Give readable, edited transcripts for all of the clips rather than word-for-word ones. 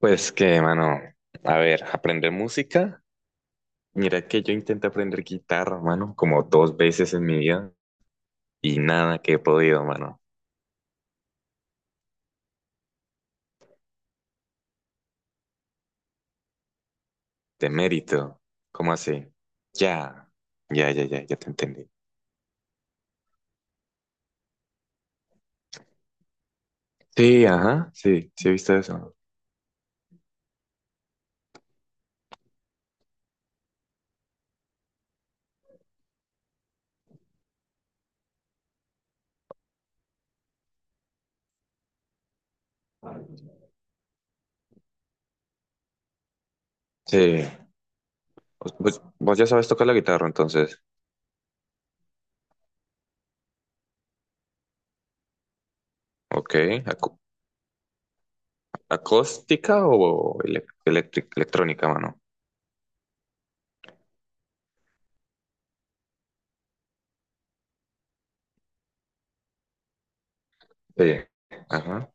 Pues que, mano, a ver, aprender música. Mira que yo intenté aprender guitarra, mano, como dos veces en mi vida y nada que he podido, mano. De mérito. ¿Cómo así? Ya, ya, ya, ya, ya te entendí. Sí, ajá, sí, sí, viste eso. Sí. Pues, vos ya sabes tocar la guitarra, entonces. Ok. acú- ¿Acústica o electrónica, mano? Sí. Ajá.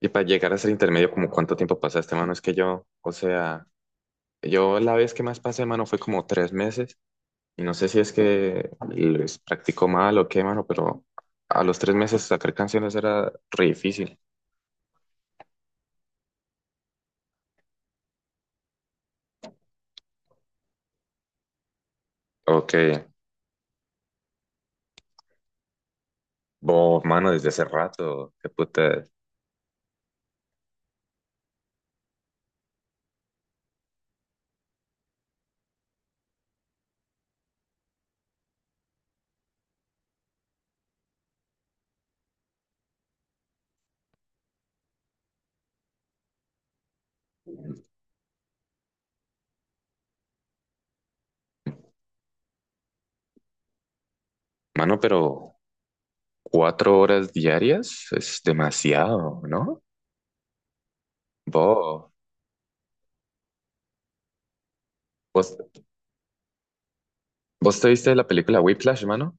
Y para llegar a ser intermedio, ¿como cuánto tiempo pasaste, mano? Es que yo, o sea. Yo la vez que más pasé, mano, fue como 3 meses. Y no sé si es que les practicó mal o qué, mano, pero a los 3 meses sacar canciones era re difícil. Ok, vos, mano, desde hace rato, qué puta. Mano, pero 4 horas diarias es demasiado, ¿no? Vos, vos, vos te viste la película Whiplash, mano?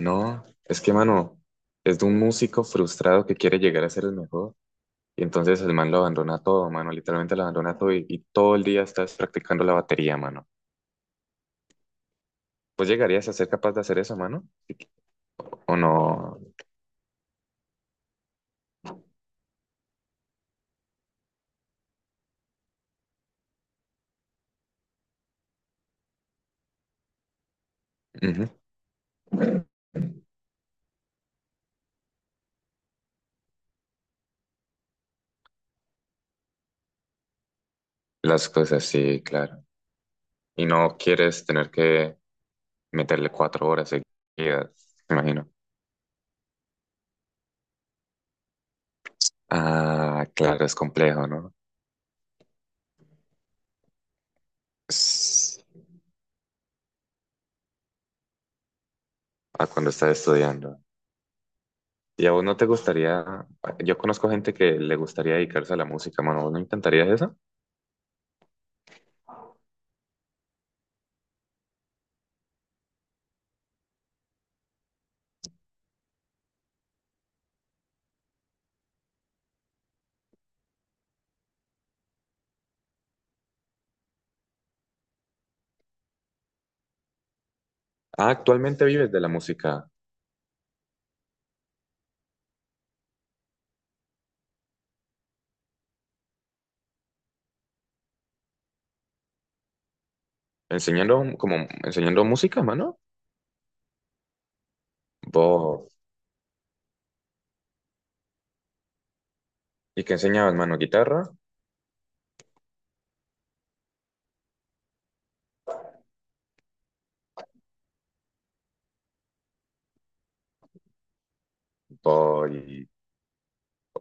No, es que, mano, es de un músico frustrado que quiere llegar a ser el mejor. Y entonces el man lo abandona todo, mano, literalmente lo abandona todo y todo el día estás practicando la batería, mano. ¿Pues llegarías a ser capaz de hacer eso, mano? Sí, ¿o no? Ujú. Las cosas, sí, claro. Y no quieres tener que meterle 4 horas seguidas, me imagino. Ah, claro, es complejo, ¿no? Es- A cuando estás estudiando. ¿Y a vos no te gustaría? Yo conozco gente que le gustaría dedicarse a la música, mano. ¿Vos no intentarías eso? Ah, actualmente vives de la música. Enseñando, como, enseñando música, mano. Vos. ¿Y qué enseñabas, mano? ¿Guitarra? Vos.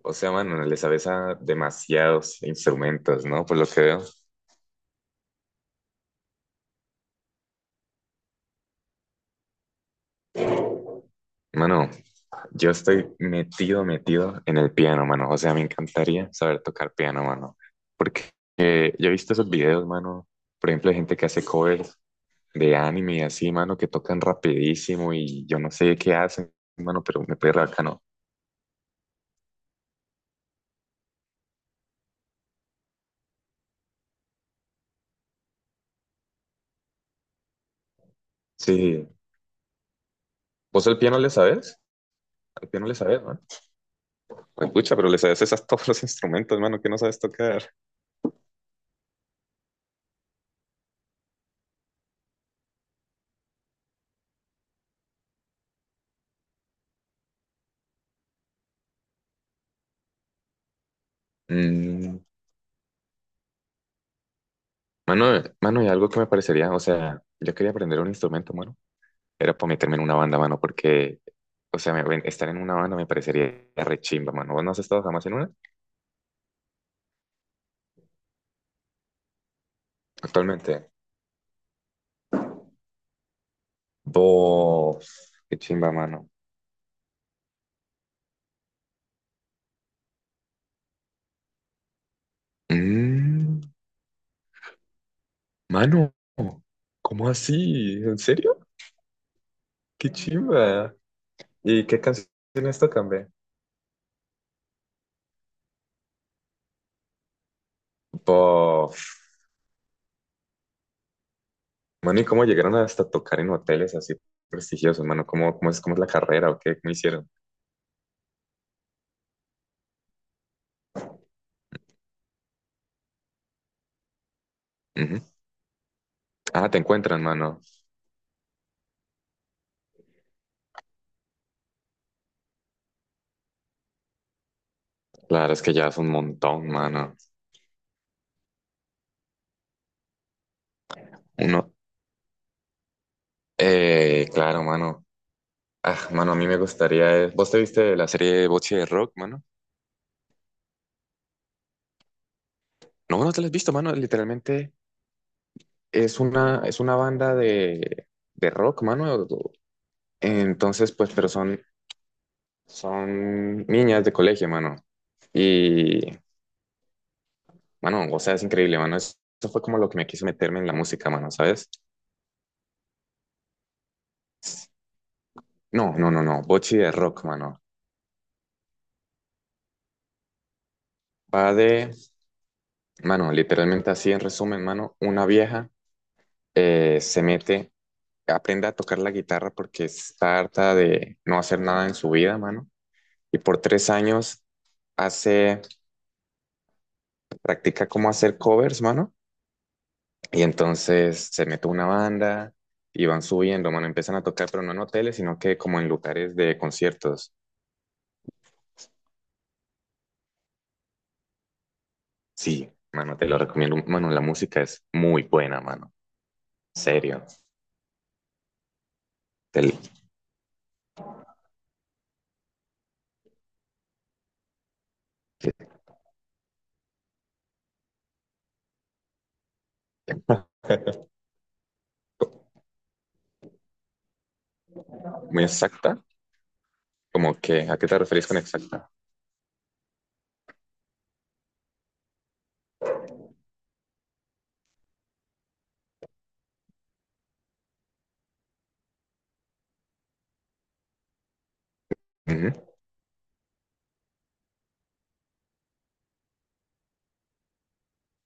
O sea, mano, le sabes a demasiados instrumentos, ¿no? Por lo que veo. Mano, yo estoy metido, metido en el piano, mano. O sea, me encantaría saber tocar piano, mano. Porque yo he visto esos videos, mano. Por ejemplo, de gente que hace covers de anime y así, mano, que tocan rapidísimo y yo no sé qué hacen, mano, pero me parece bacano. Sí. ¿Vos al piano le sabes? Al piano le sabes. Pues pucha, pero le sabes esas a todos los instrumentos, mano, que no sabes tocar. Mm, mano, y algo que me parecería, o sea, yo quería aprender un instrumento, mano, era para meterme en una banda, mano, porque, o sea, estar en una banda me parecería re chimba, mano. ¿Vos no has estado jamás en una? Actualmente. Vos, qué chimba, mano. Mm, mano, ¿cómo así? ¿En serio? Qué chimba. ¿Y qué canciones tocan, ve? Mano, ¿y cómo llegaron hasta tocar en hoteles así prestigiosos, mano? ¿Cómo es la carrera o qué? ¿Cómo hicieron? Ujú. Ah, te encuentran, mano. Claro, es que ya es un montón, mano. Uno, claro, mano. Ah, mano, a mí me gustaría. ¿Vos te viste la serie Bocce de Rock, mano? No, no te la has visto, mano. Literalmente es una banda de rock, mano. Entonces, pues, pero son niñas de colegio, mano. Y mano, o sea, es increíble, mano. Eso fue como lo que me quiso meterme en la música, mano, ¿sabes? No, no, no, no. Bochi de rock, mano. Va de, mano, literalmente así en resumen, mano, una vieja se mete, aprende a tocar la guitarra porque está harta de no hacer nada en su vida, mano. Y por 3 años hace, practica cómo hacer covers, mano. Y entonces se mete una banda y van subiendo, mano. Empiezan a tocar, pero no en hoteles, sino que como en lugares de conciertos. Sí, mano, te lo recomiendo. Mano, la música es muy buena, mano. Serio. Te- muy exacta. Como que, ¿a qué te referís con exacta? Ujú.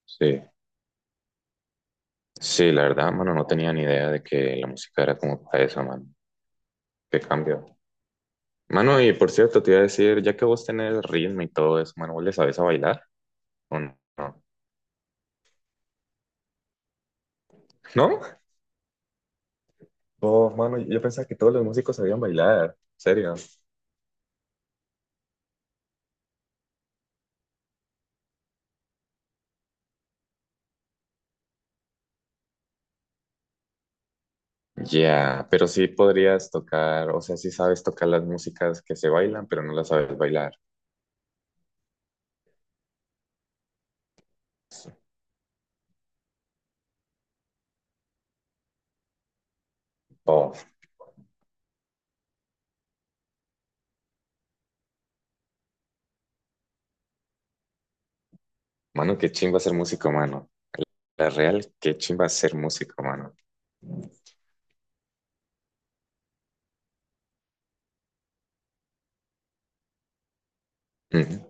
Sí. Sí, la verdad, mano, no tenía ni idea de que la música era como para eso, mano. Qué cambio. Mano, y por cierto, te iba a decir, ya que vos tenés ritmo y todo eso, mano, ¿vos le sabés a bailar? ¿O no? ¿No? Oh, mano, yo pensaba que todos los músicos sabían bailar. ¿Serio? Ya, pero sí podrías tocar, o sea, sí sabes tocar las músicas que se bailan, pero no las sabes bailar. Oh, mano, qué chimba ser músico, mano. La real, qué chimba ser músico, mano. Ujú,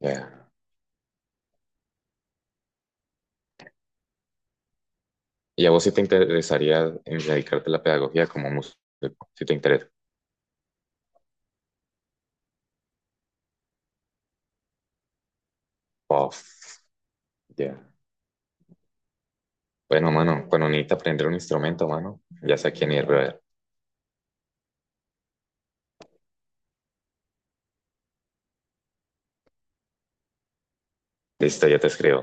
ya. ¿Y a vos si te interesaría en dedicarte a la pedagogía como músico? Si te interesa. Oh, ya. Bueno, mano, cuando necesitas aprender un instrumento, mano, ya sé a quién ir, brother. Listo, ya te escribo.